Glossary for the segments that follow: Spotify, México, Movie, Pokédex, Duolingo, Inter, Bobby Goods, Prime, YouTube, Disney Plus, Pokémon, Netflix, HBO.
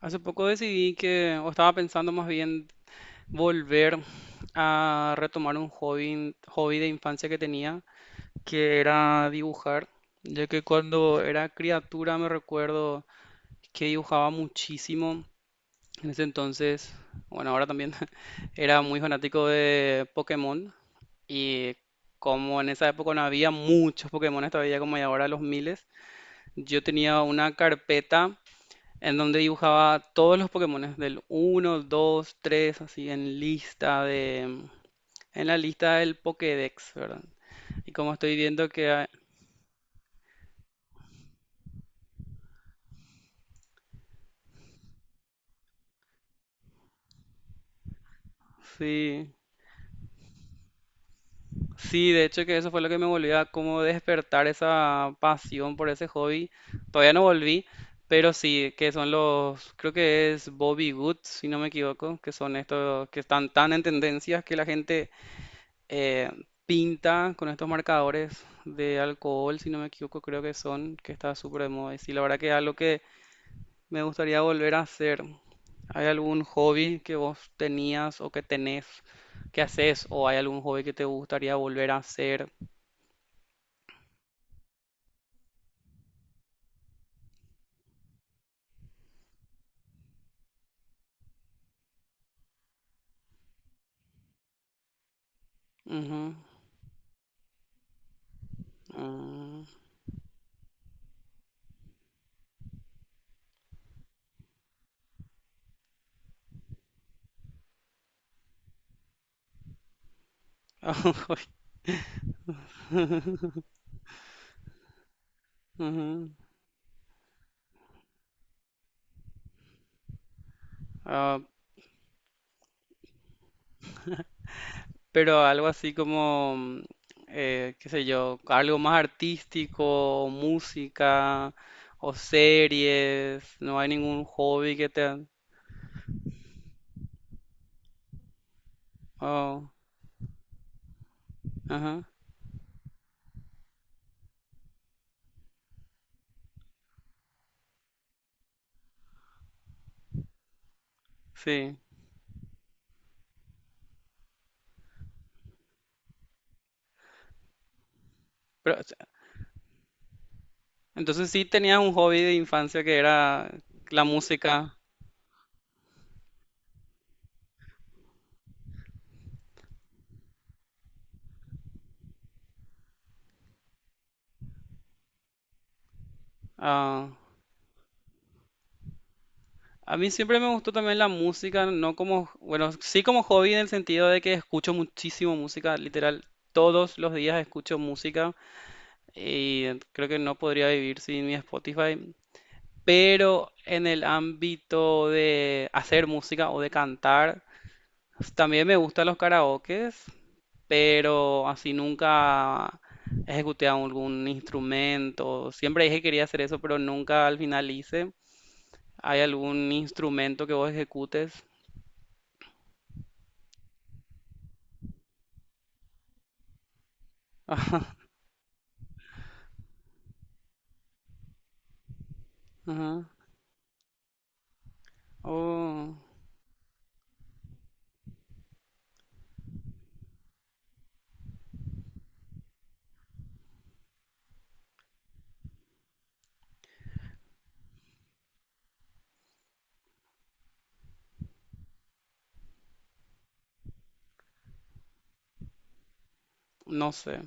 Hace poco decidí que, o estaba pensando más bien, volver a retomar un hobby de infancia que tenía, que era dibujar, ya que cuando era criatura me recuerdo que dibujaba muchísimo. En ese entonces, bueno, ahora también era muy fanático de Pokémon y como en esa época no había muchos Pokémon todavía como hay ahora los miles, yo tenía una carpeta en donde dibujaba todos los Pokémones del uno 2 3 así en lista de, en la lista del Pokédex, ¿verdad? Y como estoy viendo que sí, sí, de hecho que eso fue lo que me volvió a como despertar esa pasión por ese hobby. Todavía no volví, pero sí, que son los, creo que es Bobby Goods, si no me equivoco, que son estos que están tan en tendencias que la gente eh, pinta con estos marcadores de alcohol, si no me equivoco, creo que son, que está súper de moda. Y sí, la verdad que es algo que me gustaría volver a hacer. ¿Hay algún hobby que vos tenías o que tenés que haces? ¿O hay algún hobby que te gustaría volver a hacer? Ujú. mm, ah, ujú. Ah, pero algo así como, qué sé yo, algo más artístico, música o series, no hay ningún hobby que te... Oh, ajá, sí. Pero, o sea, entonces sí tenías un hobby de infancia que era la música. Ah, a mí siempre me gustó también la música, no como, bueno, sí como hobby en el sentido de que escucho muchísimo música, literal, todos los días escucho música. Y creo que no podría vivir sin mi Spotify. Pero en el ámbito de hacer música o de cantar, también me gustan los karaokes, pero así nunca ejecuté algún instrumento. Siempre dije que quería hacer eso, pero nunca al final hice. ¿Hay algún instrumento que vos ejecutes? Ajá. Oh, no sé.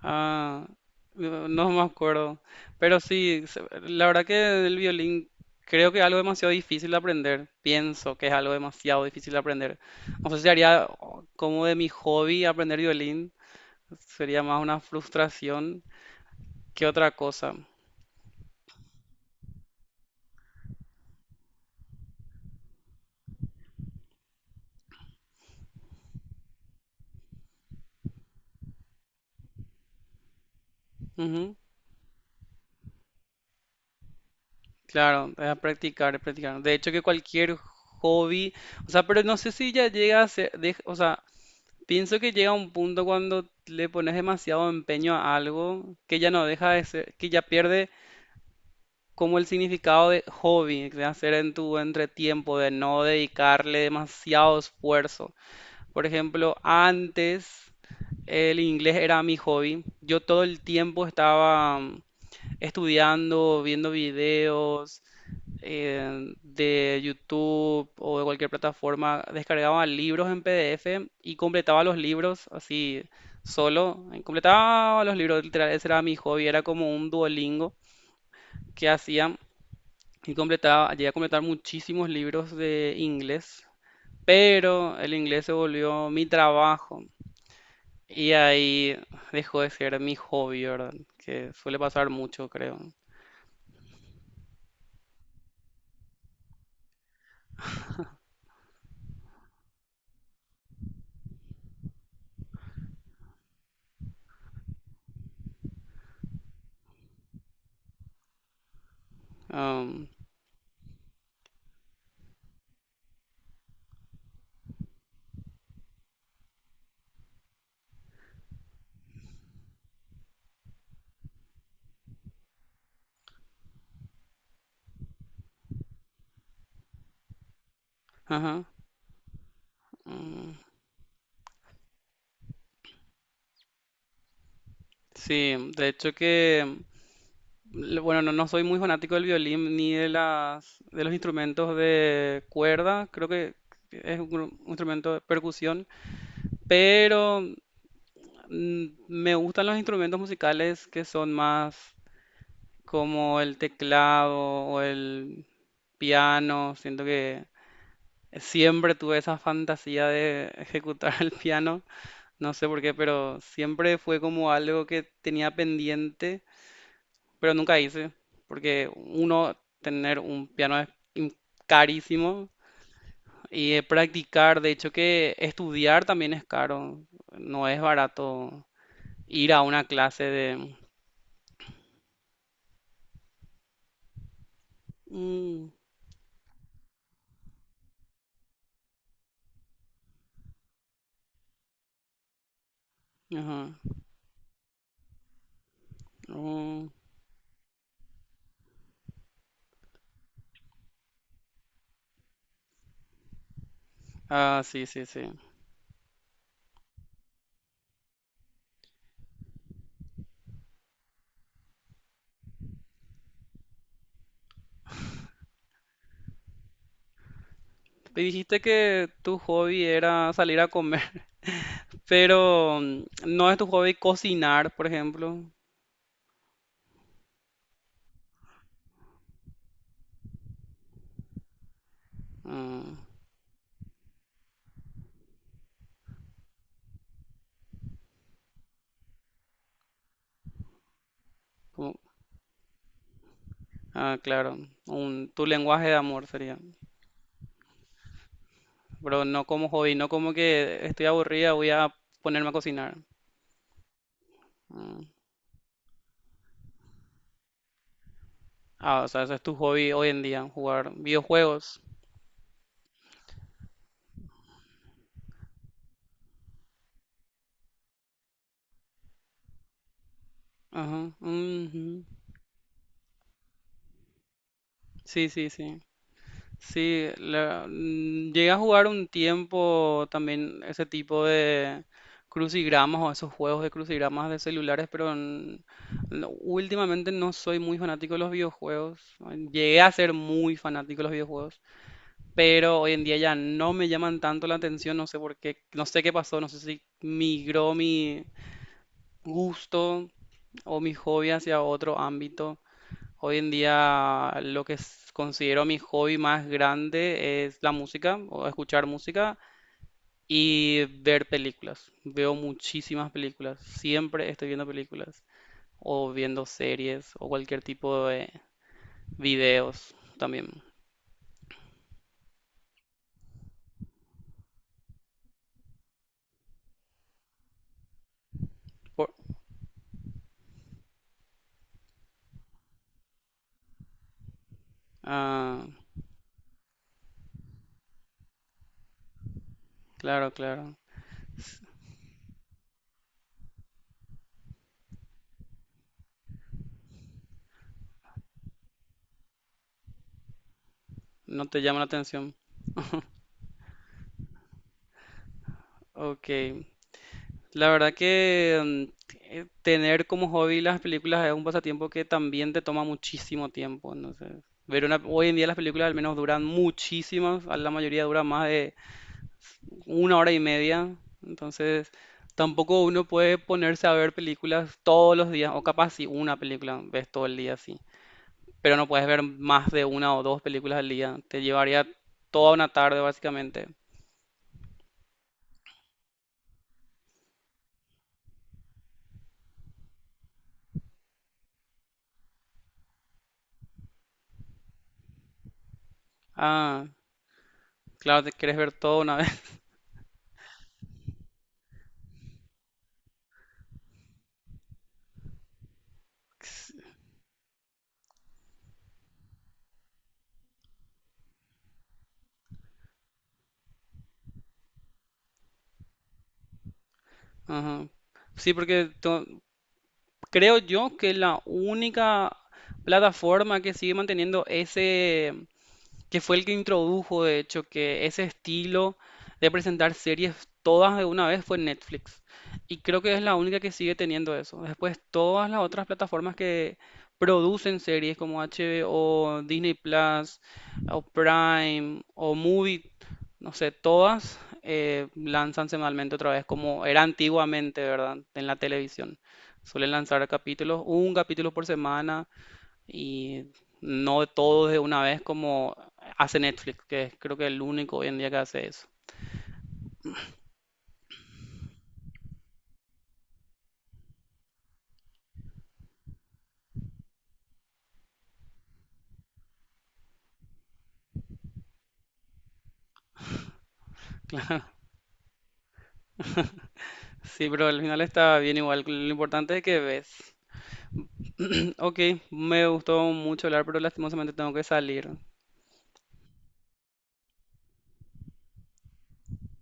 Ah, no no me acuerdo. Pero sí, la verdad que el violín creo que es algo demasiado difícil de aprender. Pienso que es algo demasiado difícil de aprender. No sé si haría oh, como de mi hobby aprender violín. Sería más una frustración que otra cosa. Ujú, claro, es practicar, es practicar. De hecho que cualquier hobby, o sea, pero no sé si ya llega a ser, o sea, pienso que llega un punto cuando le pones demasiado empeño a algo que ya no deja de ser, que ya pierde como el significado de hobby, de hacer en tu entretiempo, de no dedicarle demasiado esfuerzo. Por ejemplo, antes el inglés era mi hobby. Yo todo el tiempo estaba estudiando, viendo videos de YouTube o de cualquier plataforma. Descargaba libros en PDF y completaba los libros así solo. Completaba los libros, literal. Ese era mi hobby. Era como un Duolingo que hacía y completaba, llegué a completar muchísimos libros de inglés. Pero el inglés se volvió mi trabajo. Y ahí dejó de ser mi hobby, ¿verdad? Que suele pasar mucho, creo. Am, ajá. mm, sí, de hecho que, bueno, no, no soy muy fanático del violín ni de las, de los instrumentos de cuerda, creo que es un, un instrumento de percusión, pero me gustan los instrumentos musicales que son más como el teclado o el piano, siento que... Siempre tuve esa fantasía de ejecutar el piano, no sé por qué, pero siempre fue como algo que tenía pendiente, pero nunca hice, porque uno, tener un piano es im- carísimo y practicar, de hecho que estudiar también es caro, no es barato ir a una clase de... Mm, ajá, mm. Ah, sí, sí, sí. Y dijiste que tu hobby era salir a comer. Pero, ¿no es tu hobby cocinar, por ejemplo? Ah, como- ah, claro, un, tu lenguaje de amor sería. Pero no como hobby, no como que estoy aburrida, voy a ponerme a cocinar. Ah, ah, o sea, ese es tu hobby hoy en día, jugar videojuegos. Ajá, ujú. Sí, sí, sí. Sí, llegué a jugar un tiempo también ese tipo de crucigramas o esos juegos de crucigramas de celulares, pero últimamente no soy muy fanático de los videojuegos. Llegué a ser muy fanático de los videojuegos, pero hoy en día ya no me llaman tanto la atención, no sé por qué, no sé qué pasó, no sé si migró mi gusto o mi hobby hacia otro ámbito. Hoy en día lo que considero mi hobby más grande es la música, o escuchar música y ver películas. Veo muchísimas películas, siempre estoy viendo películas o viendo series o cualquier tipo de videos también. Por- Ah, claro, claro. No te llama la atención. Ok. La verdad que tener como hobby las películas es un pasatiempo que también te toma muchísimo tiempo. Entonces, ver una, hoy en día las películas al menos duran muchísimas, a la mayoría dura más de una hora y media. Entonces, tampoco uno puede ponerse a ver películas todos los días, o capaz si una película ves todo el día, sí. Pero no puedes ver más de una o dos películas al día. Te llevaría toda una tarde, básicamente. Ah, claro, te quieres ver todo una vez. Ajá. Sí, porque creo yo que la única plataforma que sigue manteniendo ese, que fue el que introdujo, de hecho, que ese estilo de presentar series todas de una vez fue Netflix. Y creo que es la única que sigue teniendo eso. Después, todas las otras plataformas que producen series como HBO, Disney Plus, o Prime, o Movie, no sé, todas lanzan semanalmente otra vez, como era antiguamente, ¿verdad? En la televisión. Suelen lanzar capítulos, un capítulo por semana, y no todo de una vez como hace Netflix, que es creo que el único hoy en día que hace eso. Sí, pero al final está bien igual. Lo importante es que ves. Ok, me gustó mucho hablar, pero lastimosamente tengo que salir.